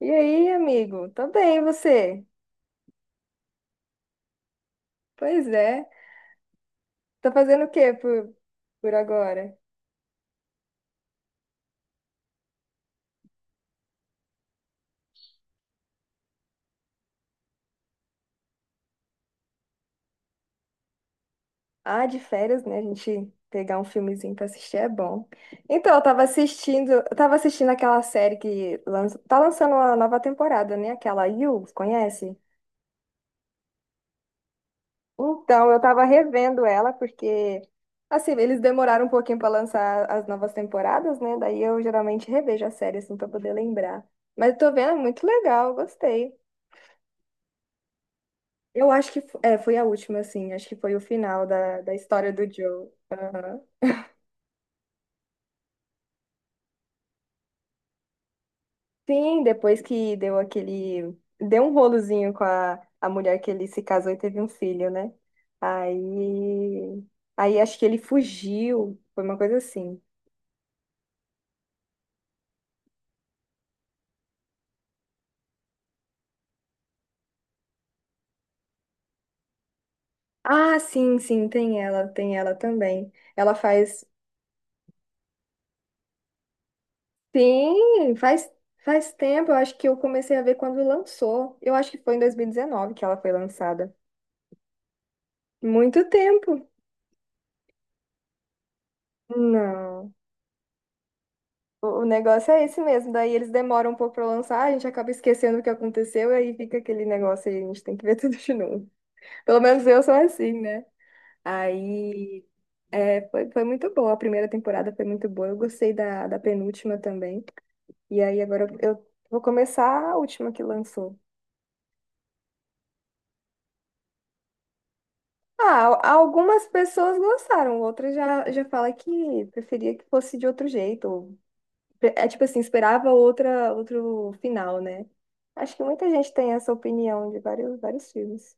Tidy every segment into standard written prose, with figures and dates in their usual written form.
E aí, amigo? Tô bem, e você? Pois é. Tá fazendo o quê por agora? Ah, de férias, né? A gente pegar um filmezinho pra assistir é bom. Então, eu tava assistindo aquela série que lança, tá lançando uma nova temporada, né? Aquela You, conhece? Então, eu tava revendo ela porque assim, eles demoraram um pouquinho pra lançar as novas temporadas, né? Daí eu geralmente revejo a série assim para poder lembrar. Mas eu tô vendo, é muito legal, eu gostei. Eu acho que é, foi a última, assim. Acho que foi o final da, da história do Joe. Aham. Sim, depois que deu aquele. Deu um rolozinho com a mulher que ele se casou e teve um filho, né? Aí. Aí acho que ele fugiu. Foi uma coisa assim. Ah, sim, sim, tem ela também. Ela faz. Sim, faz, faz tempo. Eu acho que eu comecei a ver quando lançou. Eu acho que foi em 2019 que ela foi lançada. Muito tempo. Não. o negócio é esse mesmo, daí eles demoram um pouco pra lançar, a gente acaba esquecendo o que aconteceu, e aí fica aquele negócio aí, a gente tem que ver tudo de novo. Pelo menos eu sou assim, né? Aí é, foi, foi muito boa, a primeira temporada foi muito boa, eu gostei da, da penúltima também. E aí agora eu vou começar a última que lançou. Ah, algumas pessoas gostaram, outras já, já fala que preferia que fosse de outro jeito, é tipo assim, esperava outra, outro final, né? Acho que muita gente tem essa opinião de vários, vários filmes.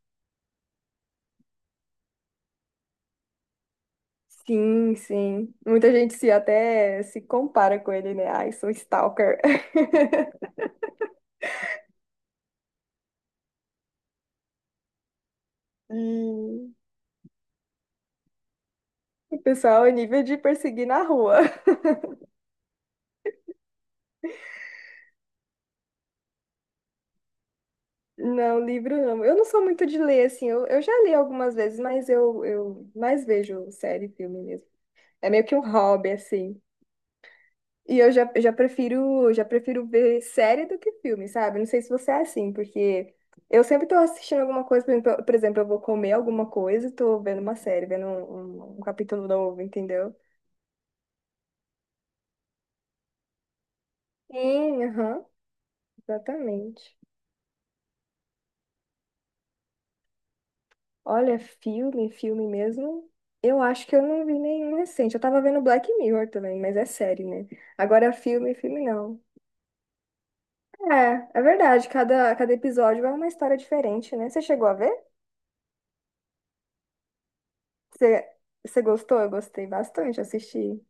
Sim, sim. Muita gente se até se compara com ele, né? Ai, sou stalker. E o pessoal é nível de perseguir na rua. Não, livro não. Eu não sou muito de ler, assim. Eu já li algumas vezes, mas eu mais vejo série e filme mesmo. É meio que um hobby, assim. E eu já prefiro, já prefiro ver série do que filme, sabe? Não sei se você é assim, porque eu sempre tô assistindo alguma coisa, por exemplo, eu vou comer alguma coisa e tô vendo uma série, vendo um capítulo novo, entendeu? Sim, aham, exatamente. Olha, filme, filme mesmo. Eu acho que eu não vi nenhum recente. Eu tava vendo Black Mirror também, mas é série, né? Agora filme, filme não. É, é verdade, cada, cada episódio é uma história diferente, né? Você chegou a ver? Você você gostou? Eu gostei bastante, assisti.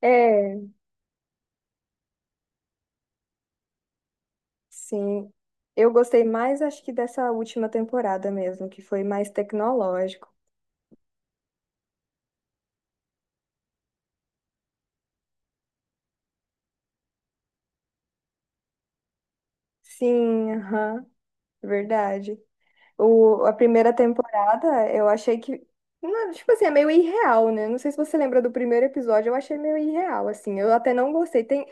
É, sim. Eu gostei mais, acho que dessa última temporada mesmo, que foi mais tecnológico. Sim, aham, verdade. O, a primeira temporada, eu achei que, não, tipo assim, é meio irreal, né? Não sei se você lembra do primeiro episódio, eu achei meio irreal, assim. Eu até não gostei. Tem,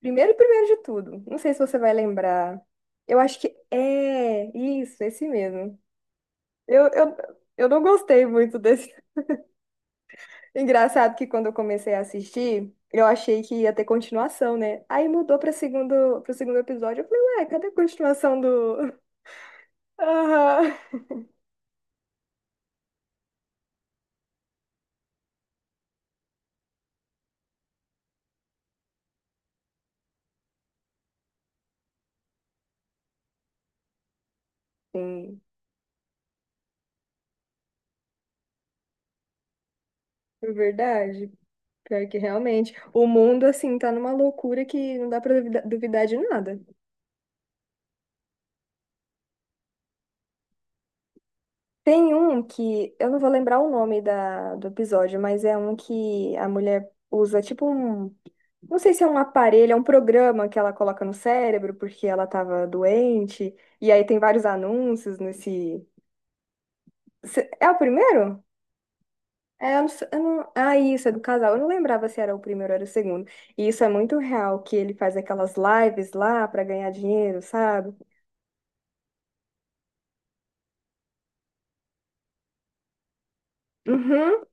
primeiro, primeiro de tudo. Não sei se você vai lembrar. Eu acho que é isso, esse mesmo. Eu, eu, eu não gostei muito desse. Engraçado que quando eu comecei a assistir, eu achei que ia ter continuação, né? Aí mudou para segundo episódio. Eu falei, ué, cadê a continuação do. Aham. Sim, é verdade. Pior que realmente. O mundo, assim, tá numa loucura que não dá pra duvidar de nada. Tem um que, eu não vou lembrar o nome da, do episódio, mas é um que a mulher usa tipo um. Não sei se é um aparelho, é um programa que ela coloca no cérebro porque ela tava doente. E aí tem vários anúncios nesse. É o primeiro? É, eu não, sei- eu não- ah, isso, é do casal. Eu não lembrava se era o primeiro ou era o segundo. E isso é muito real, que ele faz aquelas lives lá pra ganhar dinheiro, sabe? Uhum.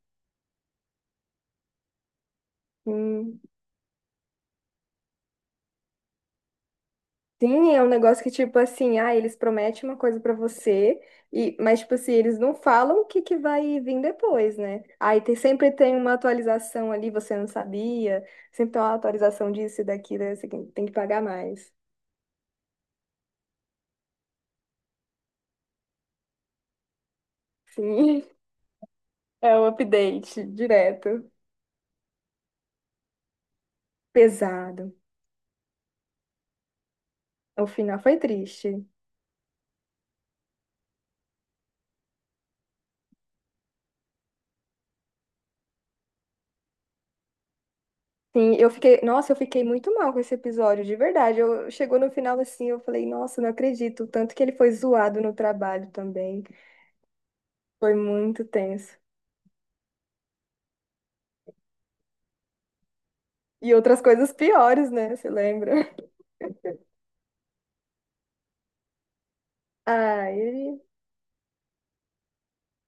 Hum. Sim, é um negócio que, tipo assim, ah, eles prometem uma coisa pra você, e, mas, tipo assim, eles não falam o que que vai vir depois, né? Aí tem, sempre tem uma atualização ali, você não sabia, sempre tem uma atualização disso e daquilo, aí você tem que pagar mais. Sim, é um update direto. Pesado. O final foi triste. Sim, eu fiquei, nossa, eu fiquei muito mal com esse episódio, de verdade. Eu chegou no final assim, eu falei, nossa, não acredito, o tanto que ele foi zoado no trabalho também. Foi muito tenso. E outras coisas piores, né? Você lembra? Ah, e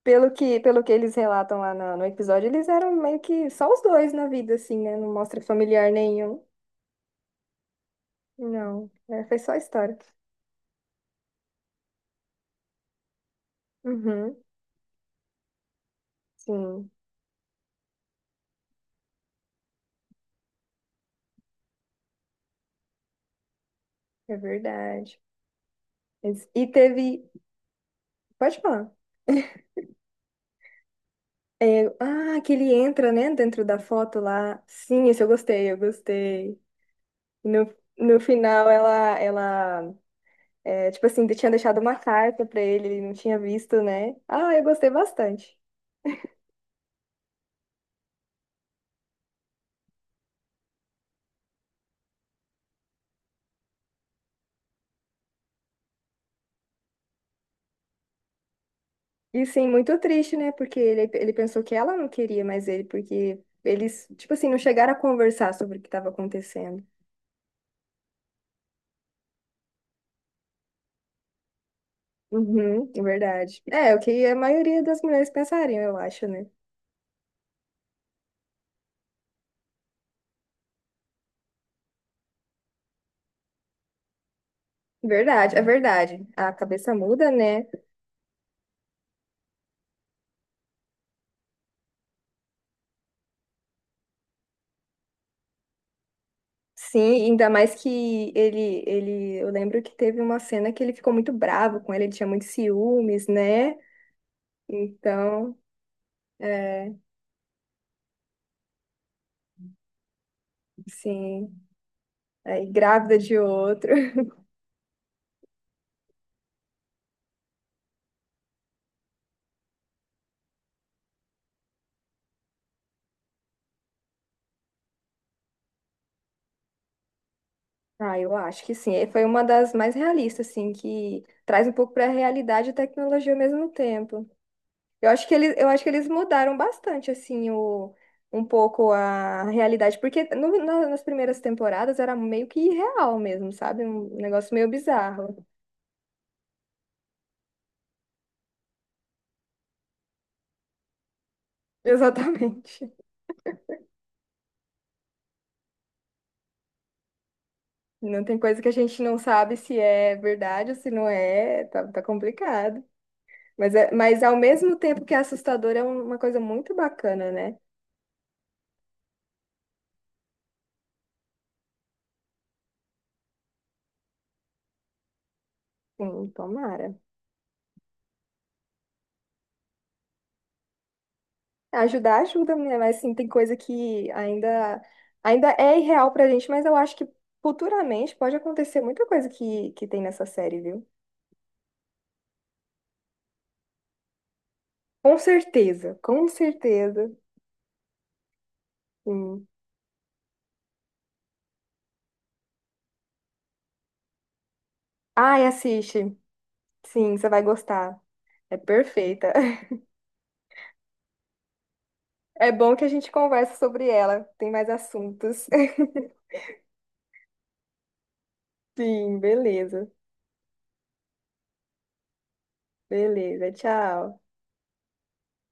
pelo que eles relatam lá no, no episódio, eles eram meio que só os dois na vida, assim, né? Não mostra familiar nenhum. Não, é, foi só história. Uhum, sim, é verdade. Eles- E teve. Pode falar. É, ah, que ele entra, né, dentro da foto lá. Sim, esse eu gostei, eu gostei. No, no final, ela, é, tipo assim, tinha deixado uma carta pra ele, ele não tinha visto, né? Ah, eu gostei bastante. E sim, muito triste, né? Porque ele pensou que ela não queria mais ele, porque eles, tipo assim, não chegaram a conversar sobre o que estava acontecendo. Uhum, é verdade. É, o que a maioria das mulheres pensariam, eu acho, né? Verdade, é verdade. A cabeça muda, né? Sim, ainda mais que ele, eu lembro que teve uma cena que ele ficou muito bravo com ele, ele tinha muitos ciúmes, né? Então, é, sim, aí grávida de outro. Ah, eu acho que sim. E foi uma das mais realistas, assim, que traz um pouco para a realidade e tecnologia ao mesmo tempo. Eu acho que eles mudaram bastante, assim, o, um pouco a realidade, porque nas primeiras temporadas era meio que irreal mesmo, sabe? Um negócio meio bizarro. Exatamente. Não tem coisa que a gente não sabe se é verdade ou se não é, tá, tá complicado. Mas, é, mas ao mesmo tempo que é assustador, é uma coisa muito bacana, né? Sim, tomara. Ajudar ajuda, né? Mas assim, tem coisa que ainda, ainda é irreal pra gente, mas eu acho que futuramente pode acontecer muita coisa que tem nessa série, viu? Com certeza, com certeza. Sim. Ai, assiste. Sim, você vai gostar. É perfeita. É bom que a gente conversa sobre ela. Tem mais assuntos. Sim, beleza. Beleza, tchau.